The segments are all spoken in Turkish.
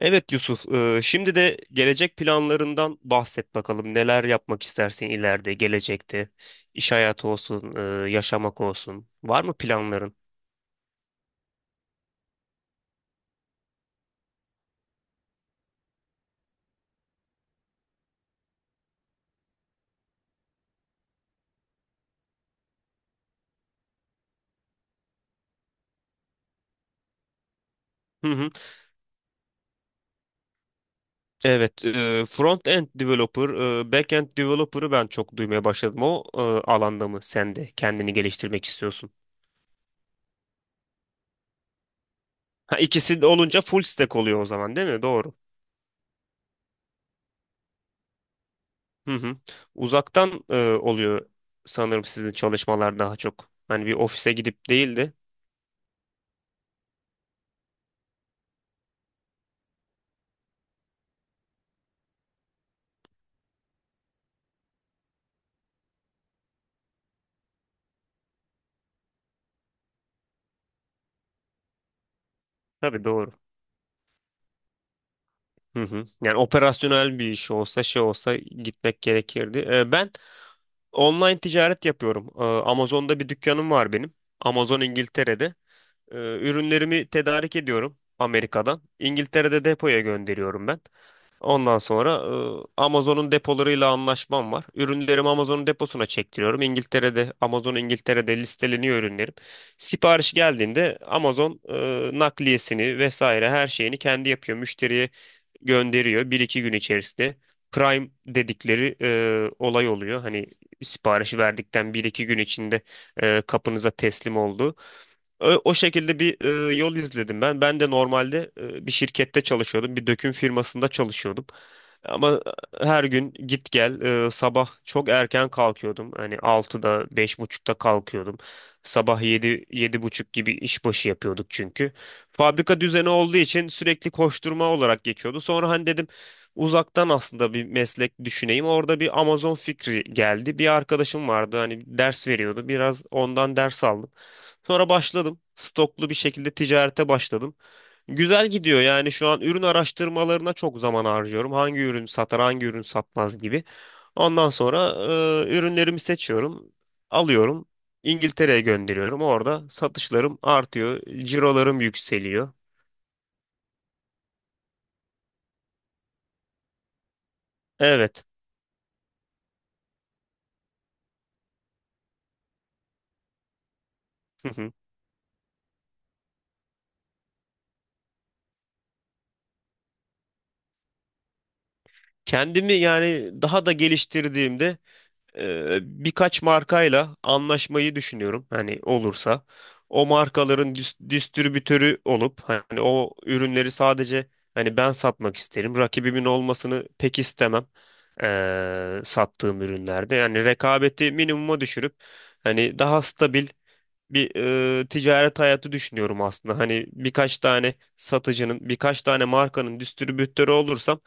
Evet Yusuf, şimdi de gelecek planlarından bahset bakalım. Neler yapmak istersin ileride, gelecekte? İş hayatı olsun, yaşamak olsun. Var mı planların? Hı hı. Evet, front-end developer, back-end developer'ı ben çok duymaya başladım. O alanda mı sen de kendini geliştirmek istiyorsun? Ha, ikisi de olunca full stack oluyor o zaman, değil mi? Doğru. Hı hı. Uzaktan oluyor sanırım sizin çalışmalar daha çok. Hani bir ofise gidip değil de. Tabii doğru. Hı hı. Yani operasyonel bir iş olsa şey olsa gitmek gerekirdi. Ben online ticaret yapıyorum. Amazon'da bir dükkanım var benim. Amazon İngiltere'de. Ee, ürünlerimi tedarik ediyorum Amerika'dan. İngiltere'de depoya gönderiyorum ben. Ondan sonra Amazon'un depolarıyla anlaşmam var. Ürünlerimi Amazon'un deposuna çektiriyorum. İngiltere'de, Amazon İngiltere'de listeleniyor ürünlerim. Sipariş geldiğinde Amazon nakliyesini vesaire her şeyini kendi yapıyor. Müşteriye gönderiyor bir iki gün içerisinde. Prime dedikleri olay oluyor. Hani siparişi verdikten bir iki gün içinde kapınıza teslim oldu. O şekilde bir yol izledim ben. Ben de normalde bir şirkette çalışıyordum. Bir döküm firmasında çalışıyordum. Ama her gün git gel, sabah çok erken kalkıyordum. Hani altıda beş buçukta kalkıyordum. Sabah yedi, yedi buçuk gibi işbaşı yapıyorduk çünkü. Fabrika düzeni olduğu için sürekli koşturma olarak geçiyordu. Sonra hani dedim uzaktan aslında bir meslek düşüneyim. Orada bir Amazon fikri geldi. Bir arkadaşım vardı hani ders veriyordu. Biraz ondan ders aldım. Sonra başladım. Stoklu bir şekilde ticarete başladım. Güzel gidiyor yani şu an ürün araştırmalarına çok zaman harcıyorum. Hangi ürün satar, hangi ürün satmaz gibi. Ondan sonra ürünlerimi seçiyorum, alıyorum. İngiltere'ye gönderiyorum. Orada satışlarım artıyor, cirolarım yükseliyor. Evet. Hı hı. Kendimi yani daha da geliştirdiğimde birkaç markayla anlaşmayı düşünüyorum. Hani olursa o markaların distribütörü olup hani o ürünleri sadece hani ben satmak isterim. Rakibimin olmasını pek istemem. Sattığım ürünlerde yani rekabeti minimuma düşürüp hani daha stabil bir ticaret hayatı düşünüyorum aslında. Hani birkaç tane satıcının, birkaç tane markanın distribütörü olursam,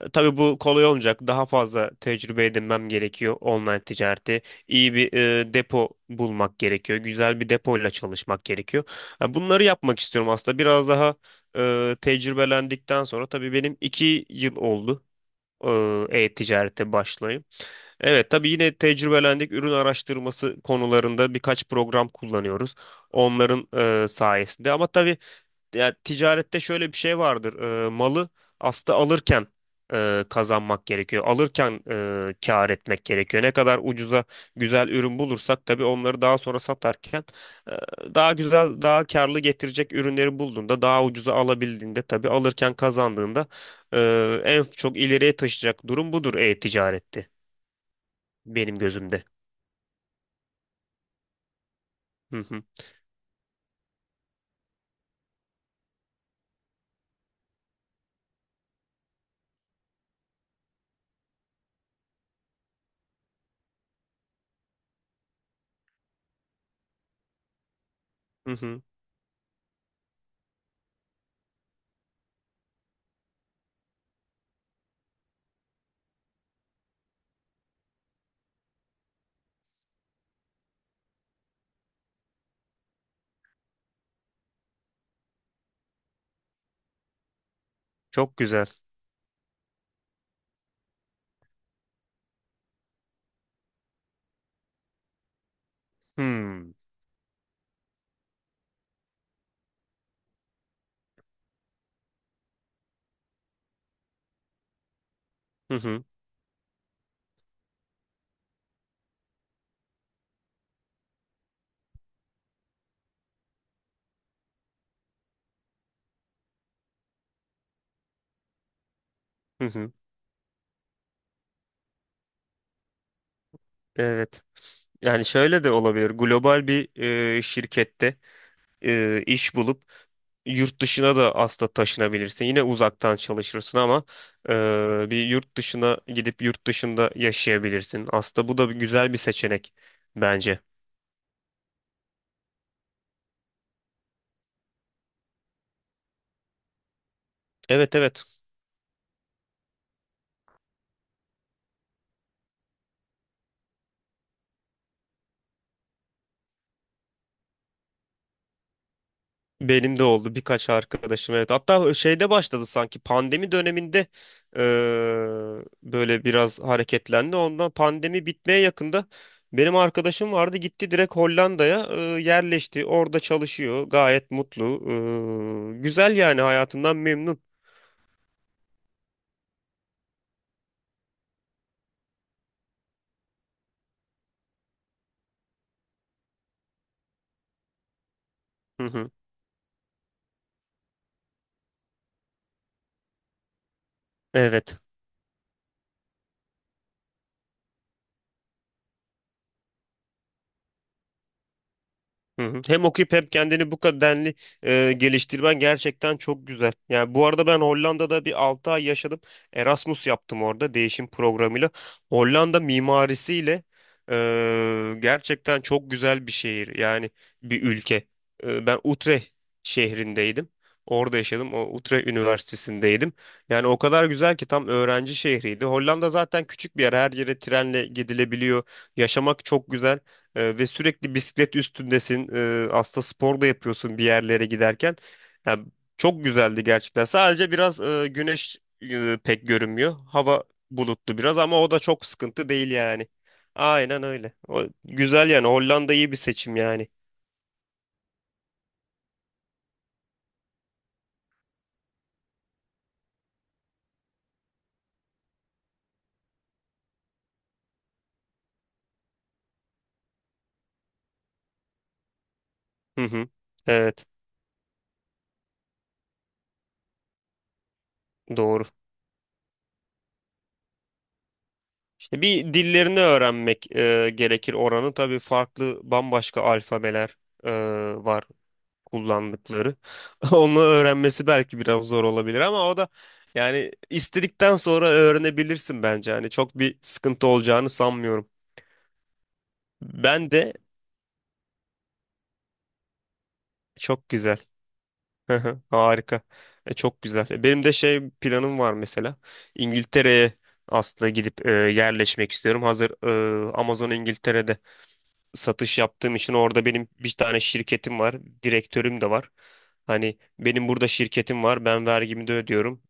tabii bu kolay olmayacak. Daha fazla tecrübe edinmem gerekiyor online ticareti. İyi bir depo bulmak gerekiyor. Güzel bir depoyla çalışmak gerekiyor. Ha, bunları yapmak istiyorum aslında. Biraz daha tecrübelendikten sonra tabii benim iki yıl oldu e-ticarete başlayıp. Evet tabii yine tecrübelendik ürün araştırması konularında birkaç program kullanıyoruz. Onların sayesinde ama tabii ya ticarette şöyle bir şey vardır. Malı aslında alırken kazanmak gerekiyor. Alırken kâr etmek gerekiyor. Ne kadar ucuza güzel ürün bulursak tabii onları daha sonra satarken daha güzel, daha karlı getirecek ürünleri bulduğunda, daha ucuza alabildiğinde tabii alırken kazandığında en çok ileriye taşıyacak durum budur e-ticarette benim gözümde. Hı hı, hı hı. Çok güzel. Hmm. Hı hı, hı hı. Evet. Yani şöyle de olabilir. Global bir şirkette iş bulup yurt dışına da aslında taşınabilirsin. Yine uzaktan çalışırsın ama bir yurt dışına gidip yurt dışında yaşayabilirsin. Aslında bu da bir güzel bir seçenek bence. Evet, evet. Benim de oldu birkaç arkadaşım, evet. Hatta şeyde başladı sanki pandemi döneminde, böyle biraz hareketlendi. Ondan pandemi bitmeye yakında benim arkadaşım vardı, gitti direkt Hollanda'ya, yerleşti. Orada çalışıyor, gayet mutlu. Güzel yani, hayatından memnun. Hı hı. Evet. Hı hı. Hem okuyup hem kendini bu kadenli geliştirmen gerçekten çok güzel. Yani bu arada ben Hollanda'da bir 6 ay yaşadım. Erasmus yaptım orada değişim programıyla. Hollanda mimarisiyle gerçekten çok güzel bir şehir. Yani bir ülke. E, ben Utrecht şehrindeydim. Orada yaşadım. O Utrecht Üniversitesi'ndeydim. Yani o kadar güzel ki, tam öğrenci şehriydi. Hollanda zaten küçük bir yer. Her yere trenle gidilebiliyor. Yaşamak çok güzel. Ve sürekli bisiklet üstündesin. Aslında spor da yapıyorsun bir yerlere giderken. Yani çok güzeldi gerçekten. Sadece biraz güneş pek görünmüyor. Hava bulutlu biraz ama o da çok sıkıntı değil yani. Aynen öyle. O, güzel yani. Hollanda iyi bir seçim yani. Hı hı. Evet. Doğru. İşte bir dillerini öğrenmek gerekir oranın. Tabii farklı bambaşka alfabeler e, var. Kullandıkları. Onu öğrenmesi belki biraz zor olabilir ama o da yani istedikten sonra öğrenebilirsin bence. Hani çok bir sıkıntı olacağını sanmıyorum. Ben de çok güzel. Harika. Çok güzel. Benim de şey planım var mesela. İngiltere'ye aslında gidip yerleşmek istiyorum. Hazır Amazon İngiltere'de satış yaptığım için orada benim bir tane şirketim var. Direktörüm de var. Hani benim burada şirketim var. Ben vergimi de ödüyorum.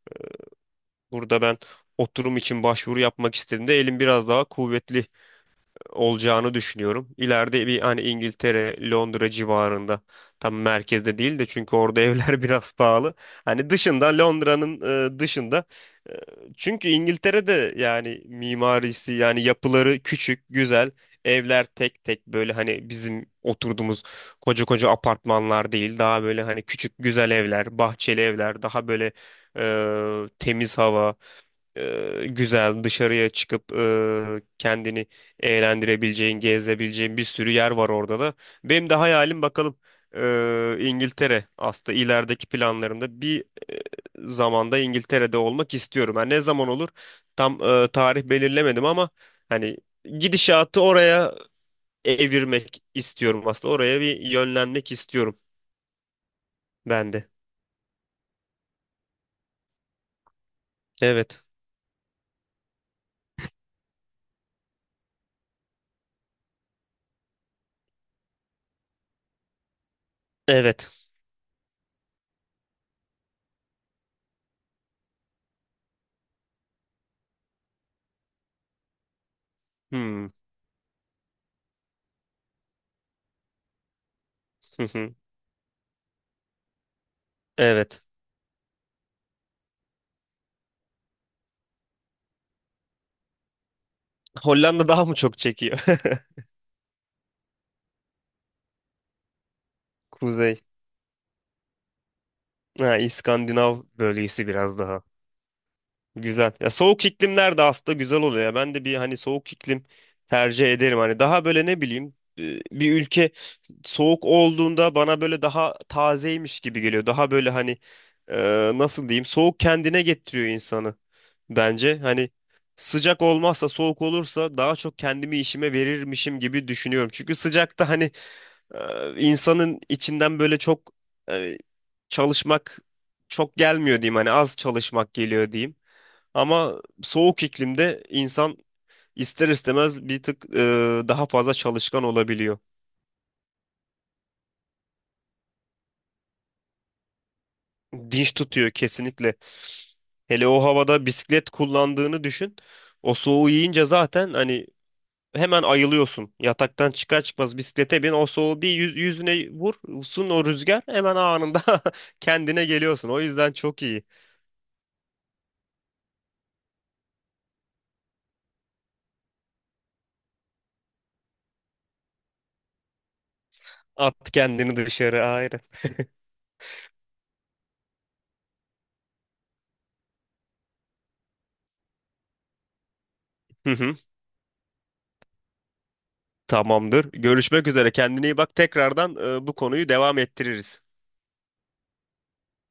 Burada ben oturum için başvuru yapmak istediğimde elim biraz daha kuvvetli olacağını düşünüyorum. İleride bir hani İngiltere, Londra civarında, tam merkezde değil de çünkü orada evler biraz pahalı. Hani dışında, Londra'nın dışında. E, Çünkü İngiltere'de yani mimarisi, yani yapıları küçük, güzel. Evler tek tek böyle, hani bizim oturduğumuz koca koca apartmanlar değil. Daha böyle hani küçük güzel evler, bahçeli evler, daha böyle temiz hava, güzel dışarıya çıkıp kendini eğlendirebileceğin, gezebileceğin bir sürü yer var orada da. Benim de hayalim bakalım, İngiltere aslında ilerideki planlarımda bir e, zamanda İngiltere'de olmak istiyorum. Yani ne zaman olur tam, tarih belirlemedim ama hani gidişatı oraya evirmek istiyorum aslında. Oraya bir yönlenmek istiyorum ben de. Evet. Evet. Hmm. Evet. Hollanda daha mı çok çekiyor? Kuzey. Ha, İskandinav bölgesi biraz daha. Güzel. Ya soğuk iklimler de aslında güzel oluyor ya. Ben de bir hani soğuk iklim tercih ederim. Hani daha böyle ne bileyim, bir ülke soğuk olduğunda bana böyle daha tazeymiş gibi geliyor. Daha böyle hani, e, nasıl diyeyim, soğuk kendine getiriyor insanı bence. Hani sıcak olmazsa, soğuk olursa daha çok kendimi işime verirmişim gibi düşünüyorum. Çünkü sıcakta hani insanın içinden böyle çok, hani çalışmak çok gelmiyor diyeyim, hani az çalışmak geliyor diyeyim. Ama soğuk iklimde insan ister istemez bir tık daha fazla çalışkan olabiliyor. Dinç tutuyor kesinlikle. Hele o havada bisiklet kullandığını düşün. O soğuğu yiyince zaten hani hemen ayılıyorsun. Yataktan çıkar çıkmaz bisiklete bin. O soğuğu bir yüz, yüzüne vursun o rüzgar, hemen anında kendine geliyorsun. O yüzden çok iyi. At kendini dışarı ayrı. Hı hı, tamamdır. Görüşmek üzere. Kendine iyi bak. Tekrardan bu konuyu devam ettiririz.